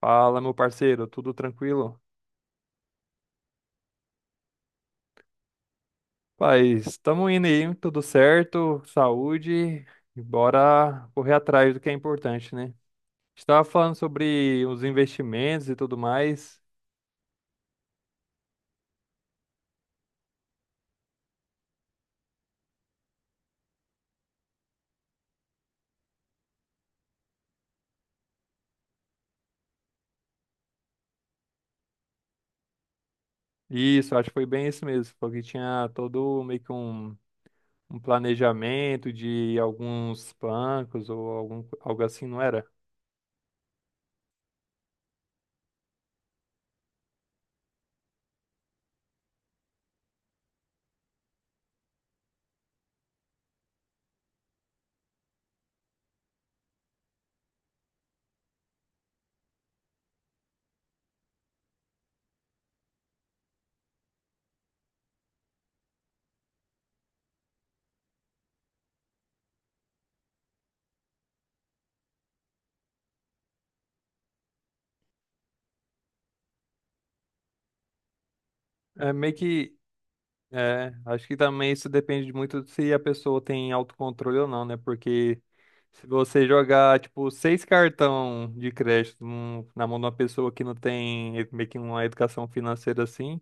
Fala, meu parceiro, tudo tranquilo? Paz, estamos indo aí, tudo certo, saúde, e bora correr atrás do que é importante, né? Estava falando sobre os investimentos e tudo mais. Isso, acho que foi bem isso mesmo, porque tinha todo meio que um planejamento de alguns bancos ou algo assim, não era? É meio que É, acho que também isso depende muito de se a pessoa tem autocontrole ou não, né? Porque se você jogar, tipo, seis cartão de crédito na mão de uma pessoa que não tem meio que uma educação financeira assim,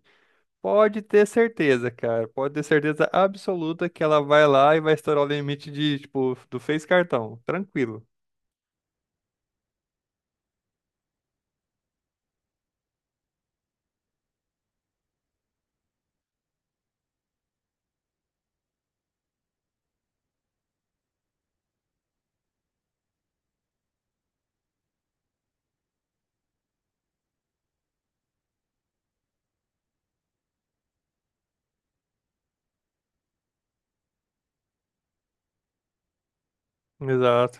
pode ter certeza, cara. Pode ter certeza absoluta que ela vai lá e vai estourar o limite de, tipo, do seis cartão. Tranquilo. Exato.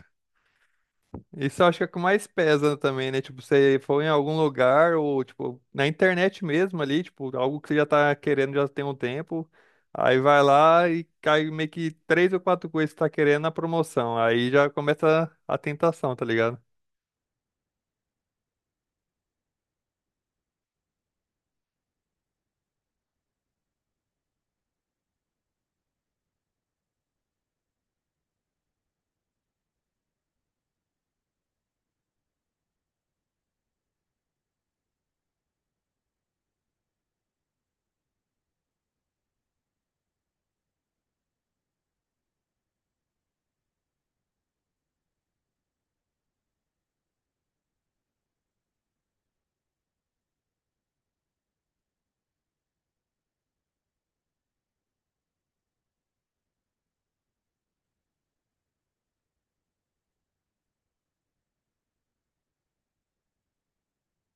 Isso eu acho que é o que mais pesa também, né? Tipo, você for em algum lugar ou, tipo, na internet mesmo ali, tipo, algo que você já tá querendo já tem um tempo, aí vai lá e cai meio que três ou quatro coisas que tá querendo na promoção. Aí já começa a tentação, tá ligado?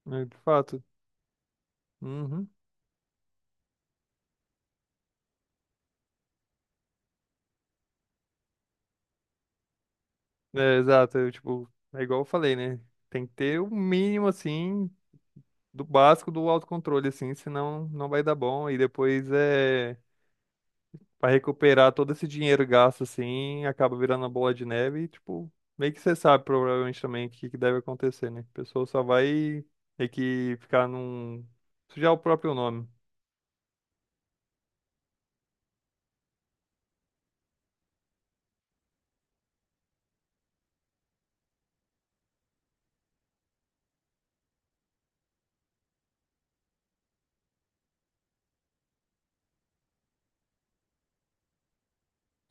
É, de fato. Uhum. É, exato. Eu, tipo, é igual eu falei, né? Tem que ter o mínimo, assim, do básico do autocontrole, assim, senão não vai dar bom. E depois é. Pra recuperar todo esse dinheiro gasto assim, acaba virando uma bola de neve e, tipo, meio que você sabe provavelmente também o que que deve acontecer, né? A pessoa só vai meio que ficar num. Sujar o próprio nome.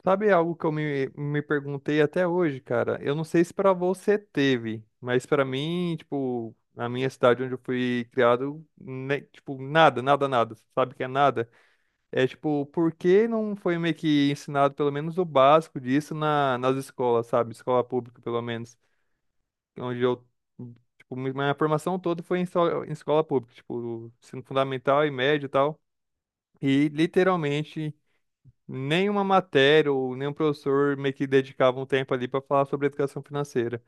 Sabe algo que eu me perguntei até hoje, cara? Eu não sei se pra você teve, mas pra mim, tipo, na minha cidade onde eu fui criado, tipo, nada, nada, nada. Sabe o que é nada? É tipo, por que não foi meio que ensinado pelo menos o básico disso nas escolas, sabe? Escola pública, pelo menos. Onde eu, tipo, minha formação toda foi em escola pública, tipo, ensino fundamental e médio e tal. E literalmente nenhuma matéria ou nenhum professor meio que dedicava um tempo ali pra falar sobre educação financeira.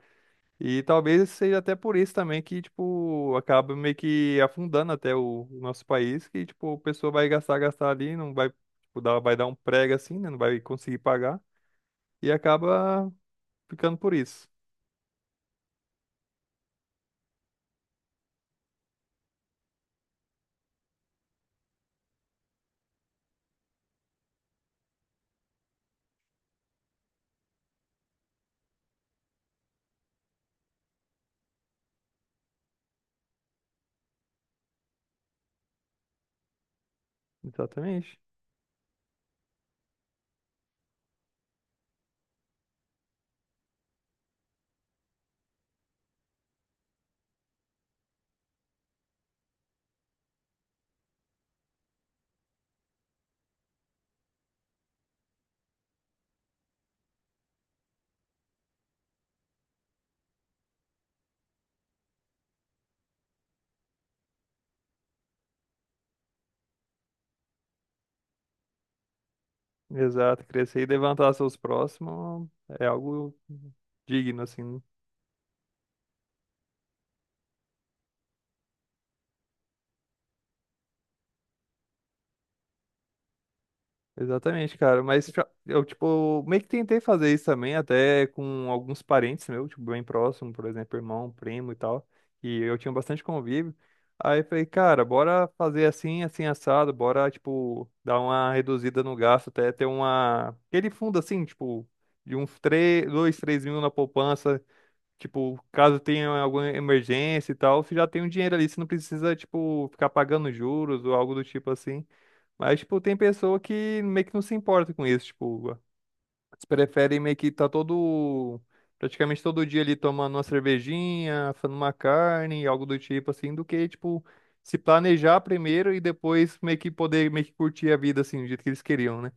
E talvez seja até por isso também que, tipo, acaba meio que afundando até o nosso país, que, tipo, a pessoa vai gastar, gastar ali, não vai, tipo, vai dar um prego assim, né? Não vai conseguir pagar. E acaba ficando por isso. Exatamente. Exato. Crescer e levantar seus próximos é algo digno, assim, né? Exatamente, cara. Eu, tipo, meio que tentei fazer isso também, até com alguns parentes meus, tipo, bem próximo, por exemplo, irmão, primo e tal. E eu tinha bastante convívio. Aí eu falei, cara, bora fazer assim, assim, assado, bora, tipo, dar uma reduzida no gasto, até ter uma. Aquele fundo assim, tipo, de uns três dois três mil na poupança. Tipo, caso tenha alguma emergência e tal, você já tem um dinheiro ali, você não precisa, tipo, ficar pagando juros ou algo do tipo assim. Mas, tipo, tem pessoa que meio que não se importa com isso, tipo, eles preferem meio que tá praticamente todo dia ali tomando uma cervejinha, fazendo uma carne, algo do tipo assim, do que, tipo, se planejar primeiro e depois meio que poder meio que curtir a vida, assim, do jeito que eles queriam, né?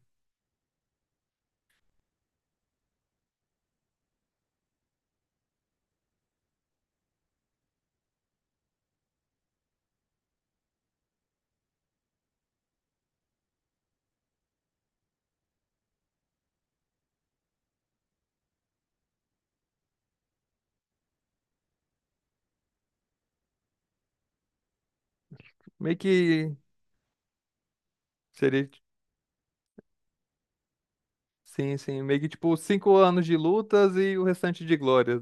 Meio que seria, sim, sim, meio que, tipo, 5 anos de lutas e o restante de glórias.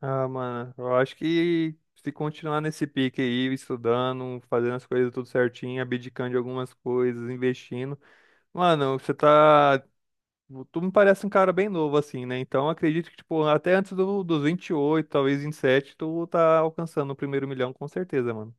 Ah, mano, eu acho que se continuar nesse pique aí, estudando, fazendo as coisas tudo certinho, abdicando de algumas coisas, investindo. Mano, você tá. Tu me parece um cara bem novo, assim, né? Então acredito que, tipo, até antes dos 28, talvez 27, tu tá alcançando o primeiro milhão, com certeza, mano.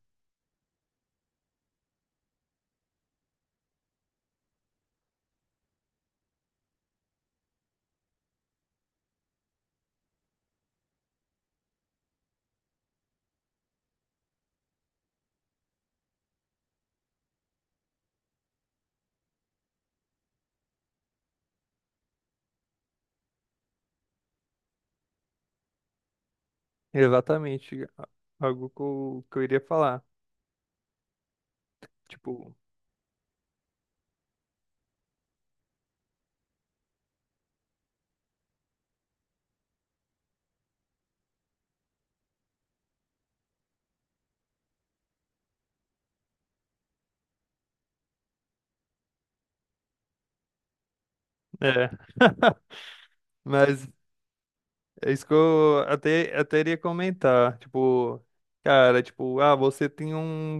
Exatamente. Algo que que eu iria falar. Tipo, é. Mas é isso que eu até, até iria comentar. Tipo, cara, tipo, ah, você tem um.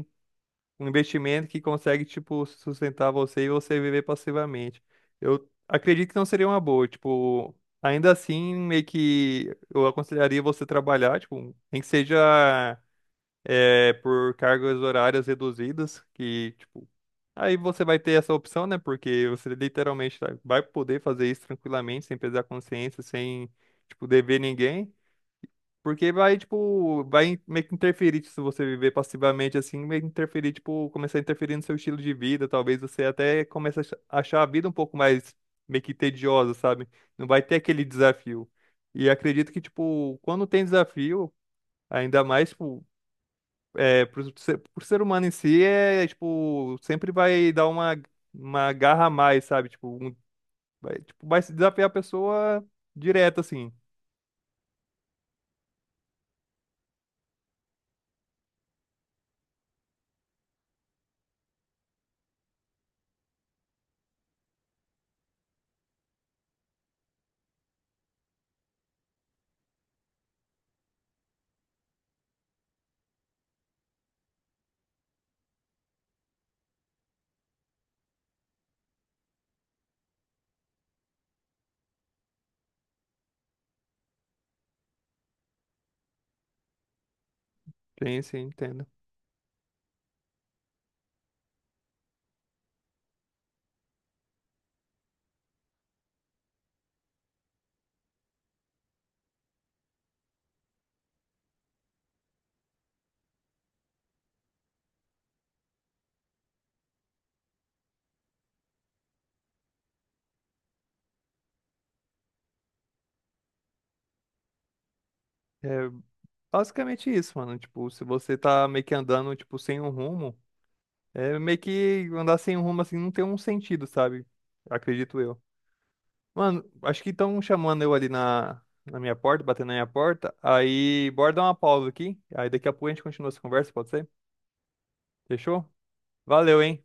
Um investimento que consegue, tipo, sustentar você e você viver passivamente. Eu acredito que não seria uma boa, tipo, ainda assim, meio que eu aconselharia você trabalhar, tipo, nem que seja é, por cargas horárias reduzidas, que, tipo, aí você vai ter essa opção, né? Porque você literalmente vai poder fazer isso tranquilamente, sem pesar consciência, sem, tipo, dever ninguém. Porque vai, tipo, vai meio que interferir tipo, se você viver passivamente assim, meio que interferir, tipo, começar a interferir no seu estilo de vida. Talvez você até comece a achar a vida um pouco mais meio que tediosa, sabe? Não vai ter aquele desafio. E acredito que, tipo, quando tem desafio, ainda mais, tipo, é, pro ser humano em si, é, tipo, sempre vai dar uma garra a mais, sabe? Tipo, um, vai, tipo, vai se desafiar a pessoa direto, assim. Sim, sim, entendo. É, basicamente isso, mano. Tipo, se você tá meio que andando, tipo, sem um rumo, é meio que andar sem um rumo assim não tem um sentido, sabe? Acredito eu. Mano, acho que estão chamando eu ali na minha porta, batendo na minha porta. Aí, bora dar uma pausa aqui. Aí daqui a pouco a gente continua essa conversa, pode ser? Fechou? Valeu, hein?